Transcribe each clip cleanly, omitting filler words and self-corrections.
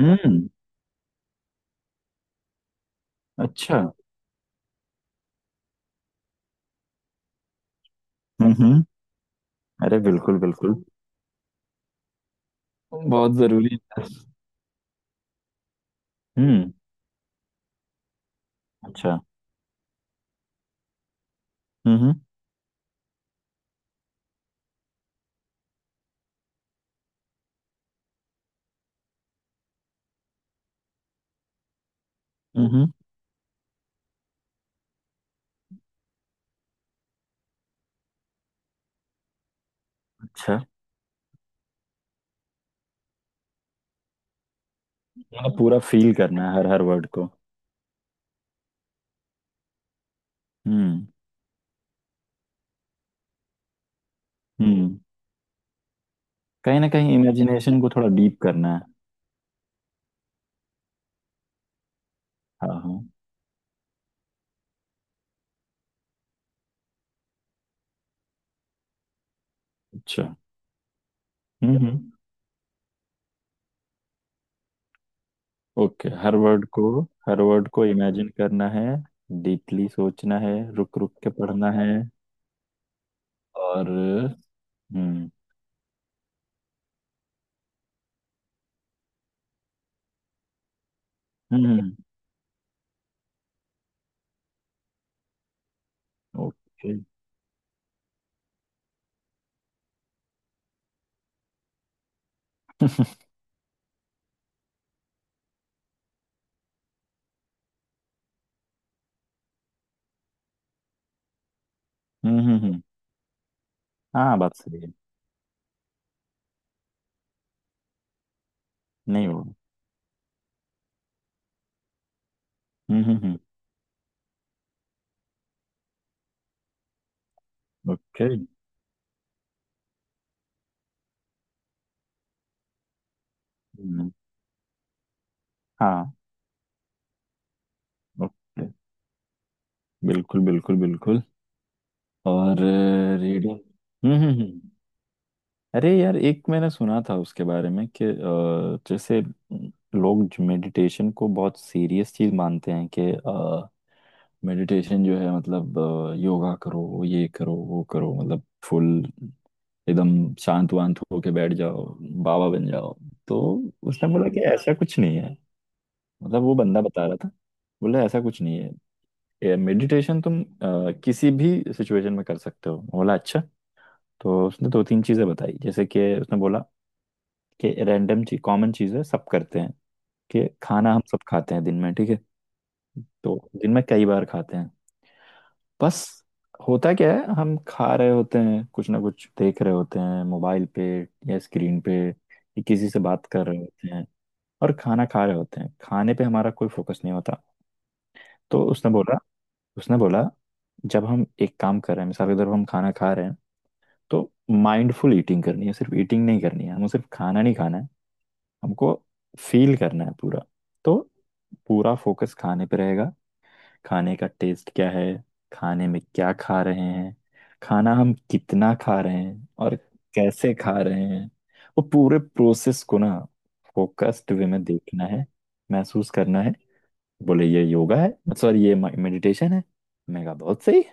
हम्म। अच्छा। हम्म। अरे बिल्कुल बिल्कुल बहुत जरूरी है। हम्म। अच्छा। हम्म हम्म हम्म, अच्छा। मतलब पूरा फील करना है हर हर वर्ड को। हम्म हम्म। कहीं ना कहीं इमेजिनेशन को थोड़ा डीप करना है। हाँ हाँ। अच्छा। हम्म। ओके हर वर्ड को इमेजिन करना है। डीपली सोचना है रुक रुक के पढ़ना है और। हम्म हम्म। ओके। हम्म हम्म हम्म, हाँ बात सही है। नहीं वो। हम्म। ओके। हम्म, हाँ। ओके। बिल्कुल बिल्कुल बिल्कुल। और रीडिंग। हम्म हम्म हम्म। अरे यार एक मैंने सुना था उसके बारे में कि जैसे लोग मेडिटेशन को बहुत सीरियस चीज मानते हैं कि मेडिटेशन जो है मतलब योगा करो ये करो वो करो मतलब फुल एकदम शांत वांत होके बैठ जाओ बाबा बन जाओ। तो उसने बोला कि ऐसा कुछ नहीं है। मतलब वो बंदा बता रहा था। बोला ऐसा कुछ नहीं है। ये मेडिटेशन तुम किसी भी सिचुएशन में कर सकते हो। मैं बोला अच्छा। तो उसने दो तीन चीजें बताई जैसे कि उसने बोला कि रैंडम चीज कॉमन चीज है सब करते हैं कि खाना हम सब खाते हैं दिन में। ठीक है तो दिन में कई बार खाते हैं। बस होता क्या है हम खा रहे होते हैं कुछ ना कुछ देख रहे होते हैं मोबाइल पे या स्क्रीन पे या किसी से बात कर रहे होते हैं और खाना खा रहे होते हैं। खाने पे हमारा कोई फोकस नहीं होता। तो उसने बोला जब हम एक काम कर रहे हैं मिसाल के तौर पर हम खाना खा रहे हैं तो माइंडफुल ईटिंग करनी है सिर्फ ईटिंग नहीं करनी है हमें सिर्फ खाना नहीं खाना है। हमको फील करना है पूरा। तो पूरा फोकस खाने पे रहेगा। खाने का टेस्ट क्या है। खाने में क्या खा रहे हैं। खाना हम कितना खा रहे हैं और कैसे खा रहे हैं। वो पूरे प्रोसेस को ना फोकस्ड वे में देखना है। महसूस करना है। बोले ये योगा है सॉरी ये मेडिटेशन है। मैं कहा बहुत सही।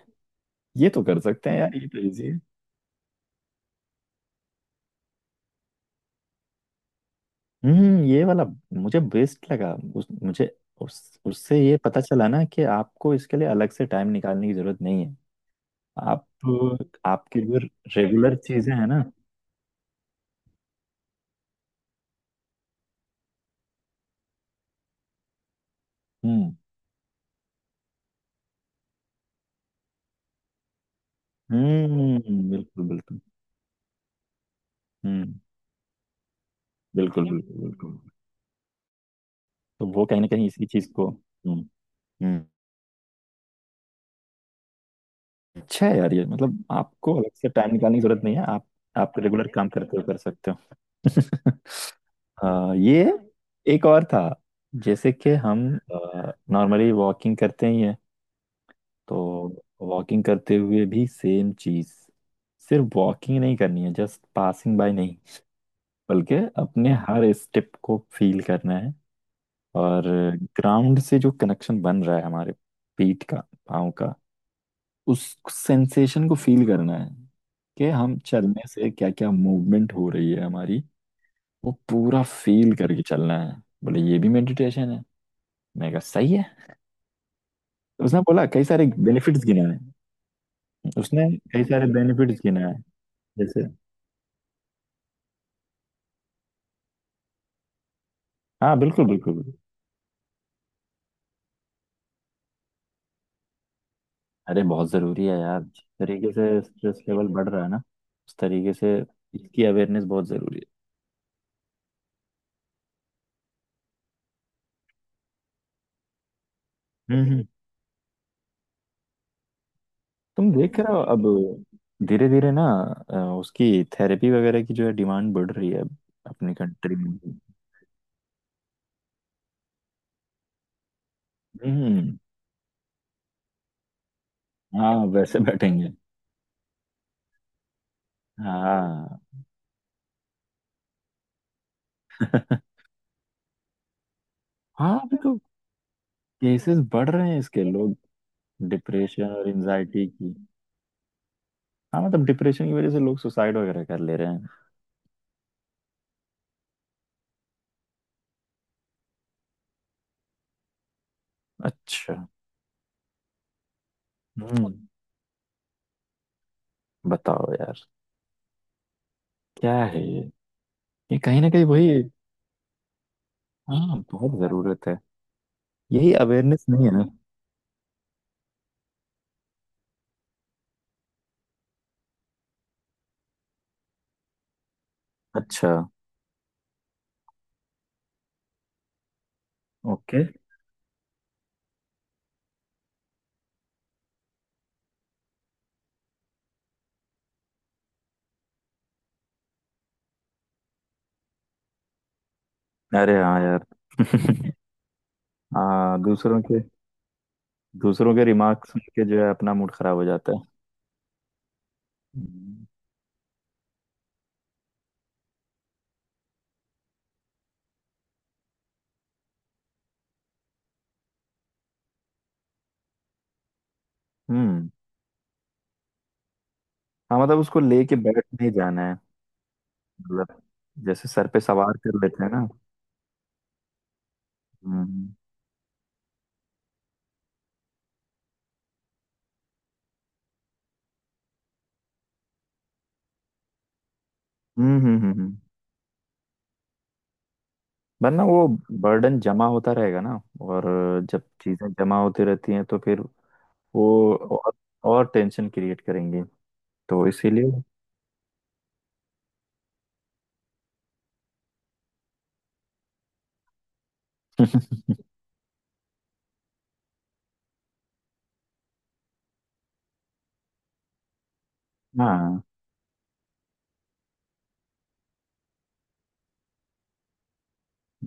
ये तो कर सकते हैं यार ये तो इजी है। ये वाला मुझे बेस्ट लगा उस मुझे उस उससे ये पता चला ना कि आपको इसके लिए अलग से टाइम निकालने की जरूरत नहीं है। आप आपकी जो रेगुलर चीजें हैं ना। हम्म बिल्कुल बिल्कुल। हम्म बिल्कुल बिल्कुल बिल्कुल। तो वो कहीं ना कहीं इसी चीज को। हम्म। अच्छा है यार ये मतलब आपको अलग से टाइम निकालने की जरूरत नहीं है। आप रेगुलर काम करते हुए कर सकते हो। ये एक और था जैसे कि हम नॉर्मली वॉकिंग करते ही हैं। तो वॉकिंग करते हुए भी सेम चीज सिर्फ वॉकिंग नहीं करनी है जस्ट पासिंग बाय नहीं बल्कि अपने हर स्टेप को फील करना है। और ग्राउंड से जो कनेक्शन बन रहा है हमारे पीठ का पाँव का उस सेंसेशन को फील करना है कि हम चलने से क्या क्या मूवमेंट हो रही है हमारी। वो पूरा फील करके चलना है। बोले ये भी मेडिटेशन है। मैं कहा सही है। उसने बोला कई सारे बेनिफिट्स गिनाए हैं। उसने कई सारे बेनिफिट्स गिनाए हैं जैसे। हाँ बिल्कुल बिल्कुल बिल्कुल। अरे बहुत जरूरी है यार। जिस तरीके से स्ट्रेस लेवल बढ़ रहा है ना उस तरीके से इसकी अवेयरनेस बहुत जरूरी है। तुम देख रहे हो अब धीरे धीरे ना उसकी थेरेपी वगैरह की जो है डिमांड बढ़ रही है अब अपनी कंट्री में। हम्म। हाँ वैसे बैठेंगे। हाँ हाँ अभी केसेस बढ़ रहे हैं इसके। लोग डिप्रेशन और एंजाइटी की। हाँ मतलब डिप्रेशन की वजह से लोग सुसाइड वगैरह कर ले रहे हैं। अच्छा। हम्म। बताओ यार क्या है ये। ये कहीं ना कहीं वही। हाँ बहुत जरूरत है। यही अवेयरनेस नहीं है ना। अच्छा। ओके। अरे हाँ यार हाँ दूसरों के रिमार्क सुन के जो है अपना मूड खराब हो जाता है। हम्म। हाँ मतलब उसको लेके बैठ नहीं जाना है। मतलब जैसे सर पे सवार कर लेते हैं ना। हम्म हम्म हम्म हम्म हम्म। वरना वो बर्डन जमा होता रहेगा ना। और जब चीजें जमा होती रहती हैं तो फिर वो और टेंशन क्रिएट करेंगे। तो इसीलिए हाँ।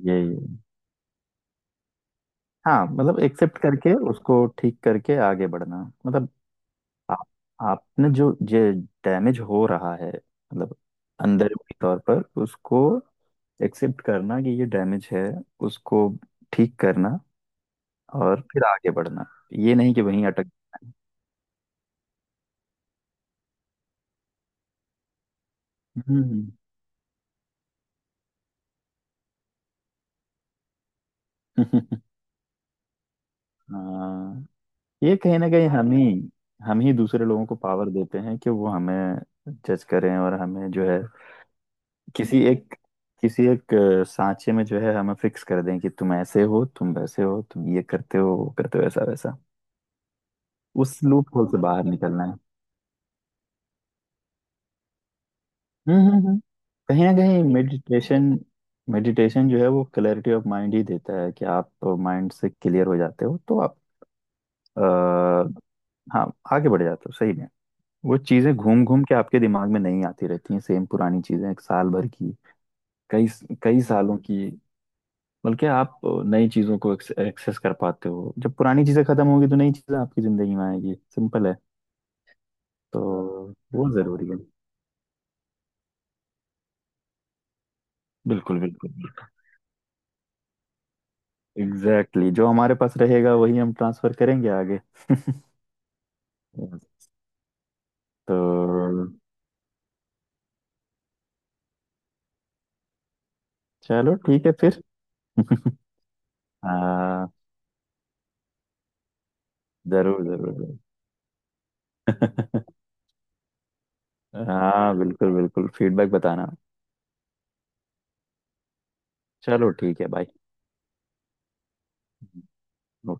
यही है। हाँ मतलब एक्सेप्ट करके उसको ठीक करके आगे बढ़ना। मतलब आप आपने जो ये डैमेज हो रहा है मतलब अंदर के तौर पर उसको एक्सेप्ट करना कि ये डैमेज है। उसको ठीक करना और फिर आगे बढ़ना। ये नहीं कि वहीं अटक। हम्म हाँ ये कहीं ना कहीं हम ही दूसरे लोगों को पावर देते हैं कि वो हमें जज करें और हमें जो है किसी एक किसी एक सांचे में जो है हमें फिक्स कर दें कि तुम ऐसे हो तुम वैसे हो तुम ये करते हो वो करते हो ऐसा वैसा। उस लूप होल से बाहर निकलना है। हम्म हम्म हम्म। कहीं ना कहीं मेडिटेशन। मेडिटेशन जो है वो क्लैरिटी ऑफ माइंड ही देता है कि आप माइंड से क्लियर हो जाते हो तो आप आ, हाँ आगे बढ़ जाते हो सही। वो चीजें घूम घूम के आपके दिमाग में नहीं आती रहती हैं। सेम पुरानी चीजें एक साल भर की कई कई सालों की। बल्कि आप नई चीजों को एक्सेस कर पाते हो। जब पुरानी चीजें खत्म होगी तो नई चीजें आपकी जिंदगी में आएगी। सिंपल है। तो वो जरूरी है। बिल्कुल बिल्कुल बिल्कुल। Exactly exactly। जो हमारे पास रहेगा वही हम ट्रांसफर करेंगे आगे। तो चलो ठीक है फिर। हाँ जरूर जरूर जरूर। हाँ बिल्कुल बिल्कुल फीडबैक बताना। चलो ठीक है बाय। नो।